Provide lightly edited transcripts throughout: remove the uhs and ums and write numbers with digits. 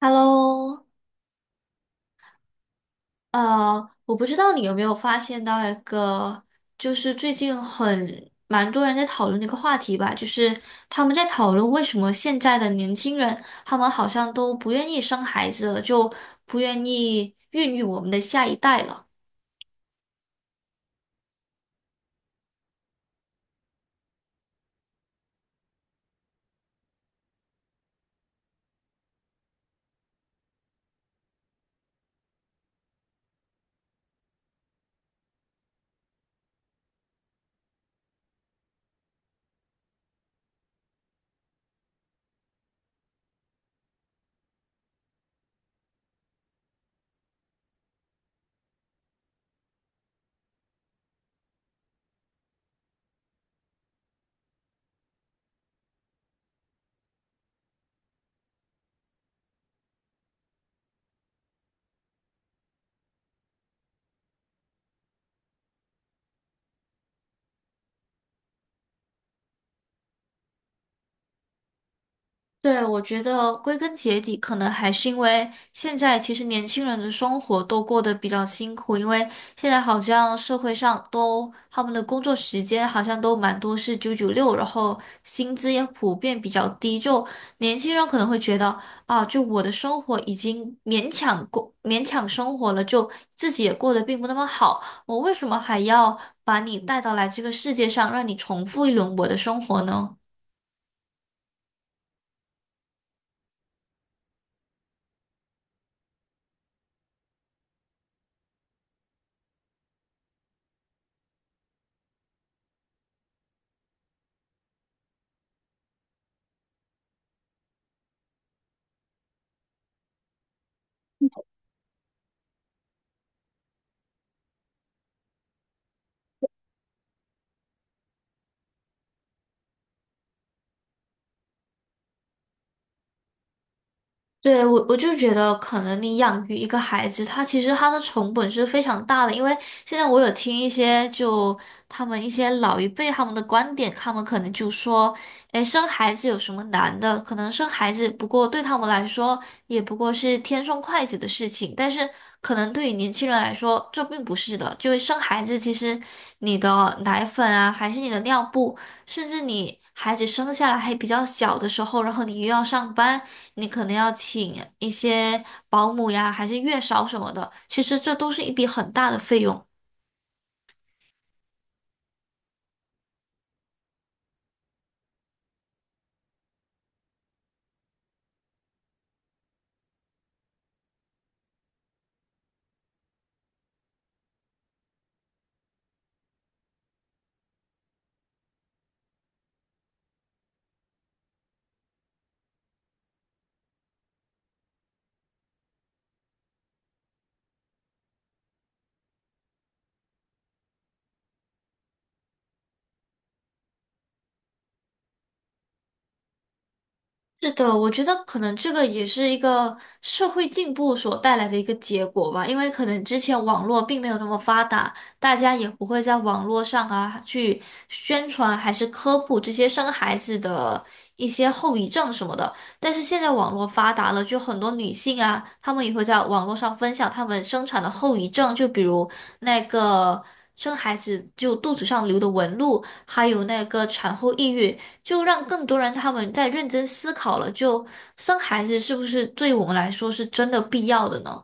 Hello,我不知道你有没有发现到一个，就是最近很蛮多人在讨论的一个话题吧，就是他们在讨论为什么现在的年轻人，他们好像都不愿意生孩子了，就不愿意孕育我们的下一代了。对，我觉得归根结底，可能还是因为现在其实年轻人的生活都过得比较辛苦，因为现在好像社会上都他们的工作时间好像都蛮多是996，然后薪资也普遍比较低，就年轻人可能会觉得啊，就我的生活已经勉强生活了，就自己也过得并不那么好，我为什么还要把你带到来这个世界上，让你重复一轮我的生活呢？对，我就觉得，可能你养育一个孩子，他其实他的成本是非常大的。因为现在我有听一些就他们一些老一辈他们的观点，他们可能就说，哎，生孩子有什么难的？可能生孩子不过对他们来说，也不过是天生筷子的事情。但是可能对于年轻人来说，这并不是的。就是生孩子，其实你的奶粉啊，还是你的尿布，甚至你孩子生下来还比较小的时候，然后你又要上班。你可能要请一些保姆呀，还是月嫂什么的，其实这都是一笔很大的费用。是的，我觉得可能这个也是一个社会进步所带来的一个结果吧，因为可能之前网络并没有那么发达，大家也不会在网络上啊去宣传还是科普这些生孩子的一些后遗症什么的。但是现在网络发达了，就很多女性啊，她们也会在网络上分享她们生产的后遗症，就比如那个生孩子就肚子上留的纹路，还有那个产后抑郁。就让更多人他们在认真思考了，就生孩子是不是对我们来说是真的必要的呢？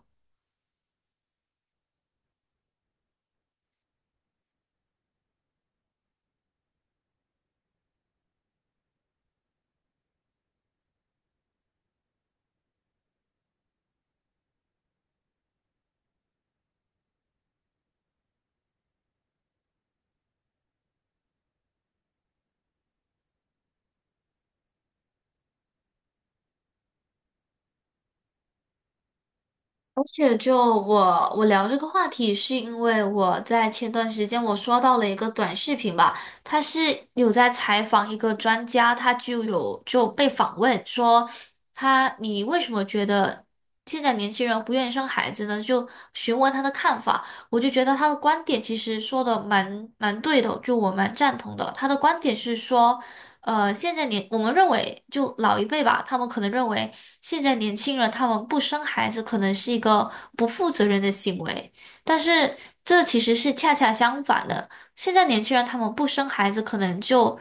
而且就我聊这个话题，是因为我在前段时间我刷到了一个短视频吧，他是有在采访一个专家，他就有就被访问说他你为什么觉得现在年轻人不愿意生孩子呢？就询问他的看法，我就觉得他的观点其实说的蛮对的，就我蛮赞同的。他的观点是说。现在我们认为，就老一辈吧，他们可能认为现在年轻人他们不生孩子，可能是一个不负责任的行为，但是这其实是恰恰相反的。现在年轻人他们不生孩子，可能就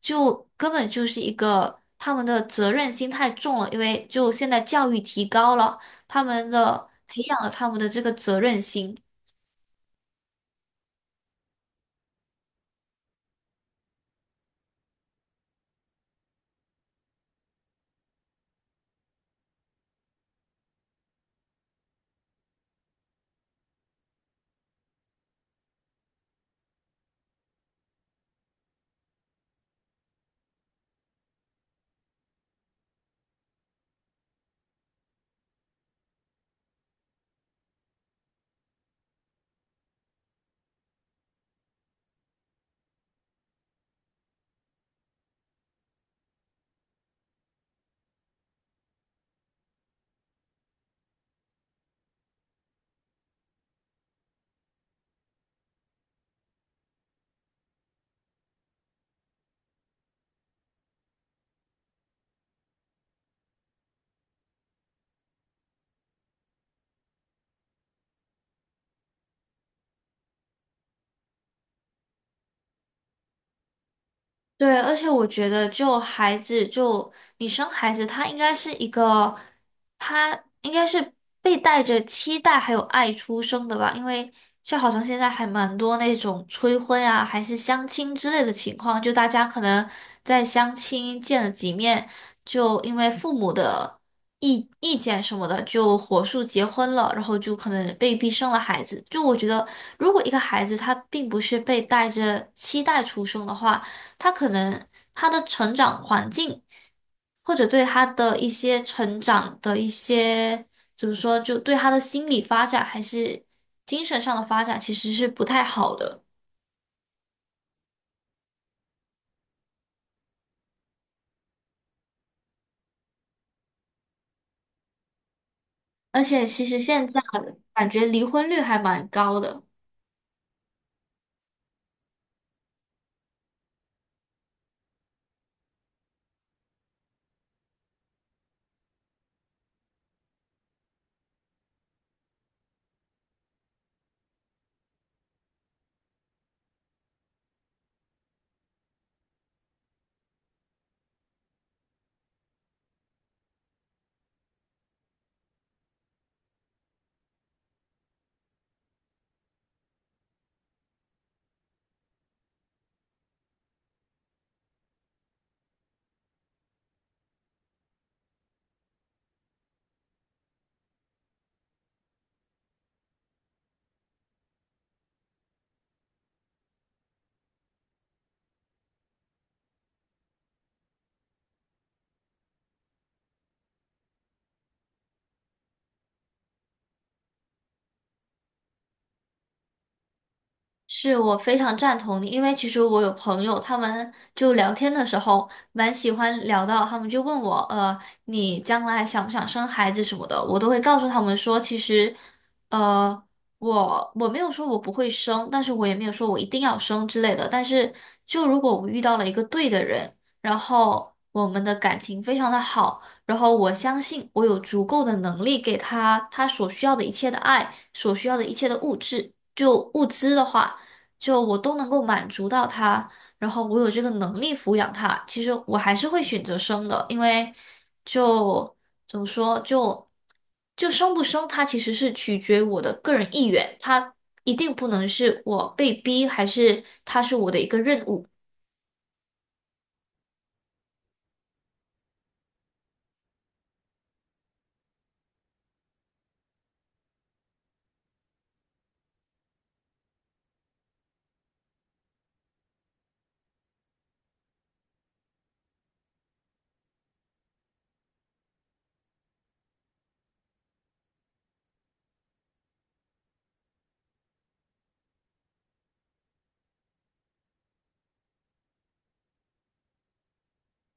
就根本就是一个他们的责任心太重了，因为就现在教育提高了，他们的培养了他们的这个责任心。对，而且我觉得，就孩子，就你生孩子，他应该是一个，他应该是被带着期待还有爱出生的吧？因为就好像现在还蛮多那种催婚啊，还是相亲之类的情况，就大家可能在相亲见了几面，就因为父母的意见什么的，就火速结婚了，然后就可能被逼生了孩子。就我觉得，如果一个孩子他并不是被带着期待出生的话，他可能他的成长环境，或者对他的一些成长的一些，怎么说，就对他的心理发展还是精神上的发展，其实是不太好的。而且其实现在感觉离婚率还蛮高的。是我非常赞同你，因为其实我有朋友，他们就聊天的时候蛮喜欢聊到，他们就问我，你将来想不想生孩子什么的，我都会告诉他们说，其实，呃，我没有说我不会生，但是我也没有说我一定要生之类的，但是就如果我遇到了一个对的人，然后我们的感情非常的好，然后我相信我有足够的能力给他他所需要的一切的爱，所需要的一切的物质，就物资的话。就我都能够满足到他，然后我有这个能力抚养他，其实我还是会选择生的，因为就怎么说，就生不生，它其实是取决于我的个人意愿，它一定不能是我被逼，还是它是我的一个任务。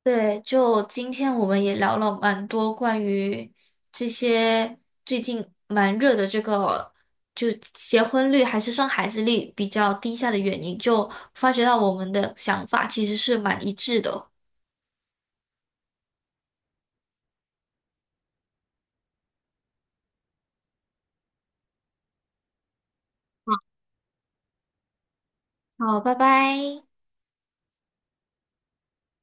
对，就今天我们也聊了蛮多关于这些最近蛮热的这个，就结婚率还是生孩子率比较低下的原因，就发觉到我们的想法其实是蛮一致的哦。好，拜拜。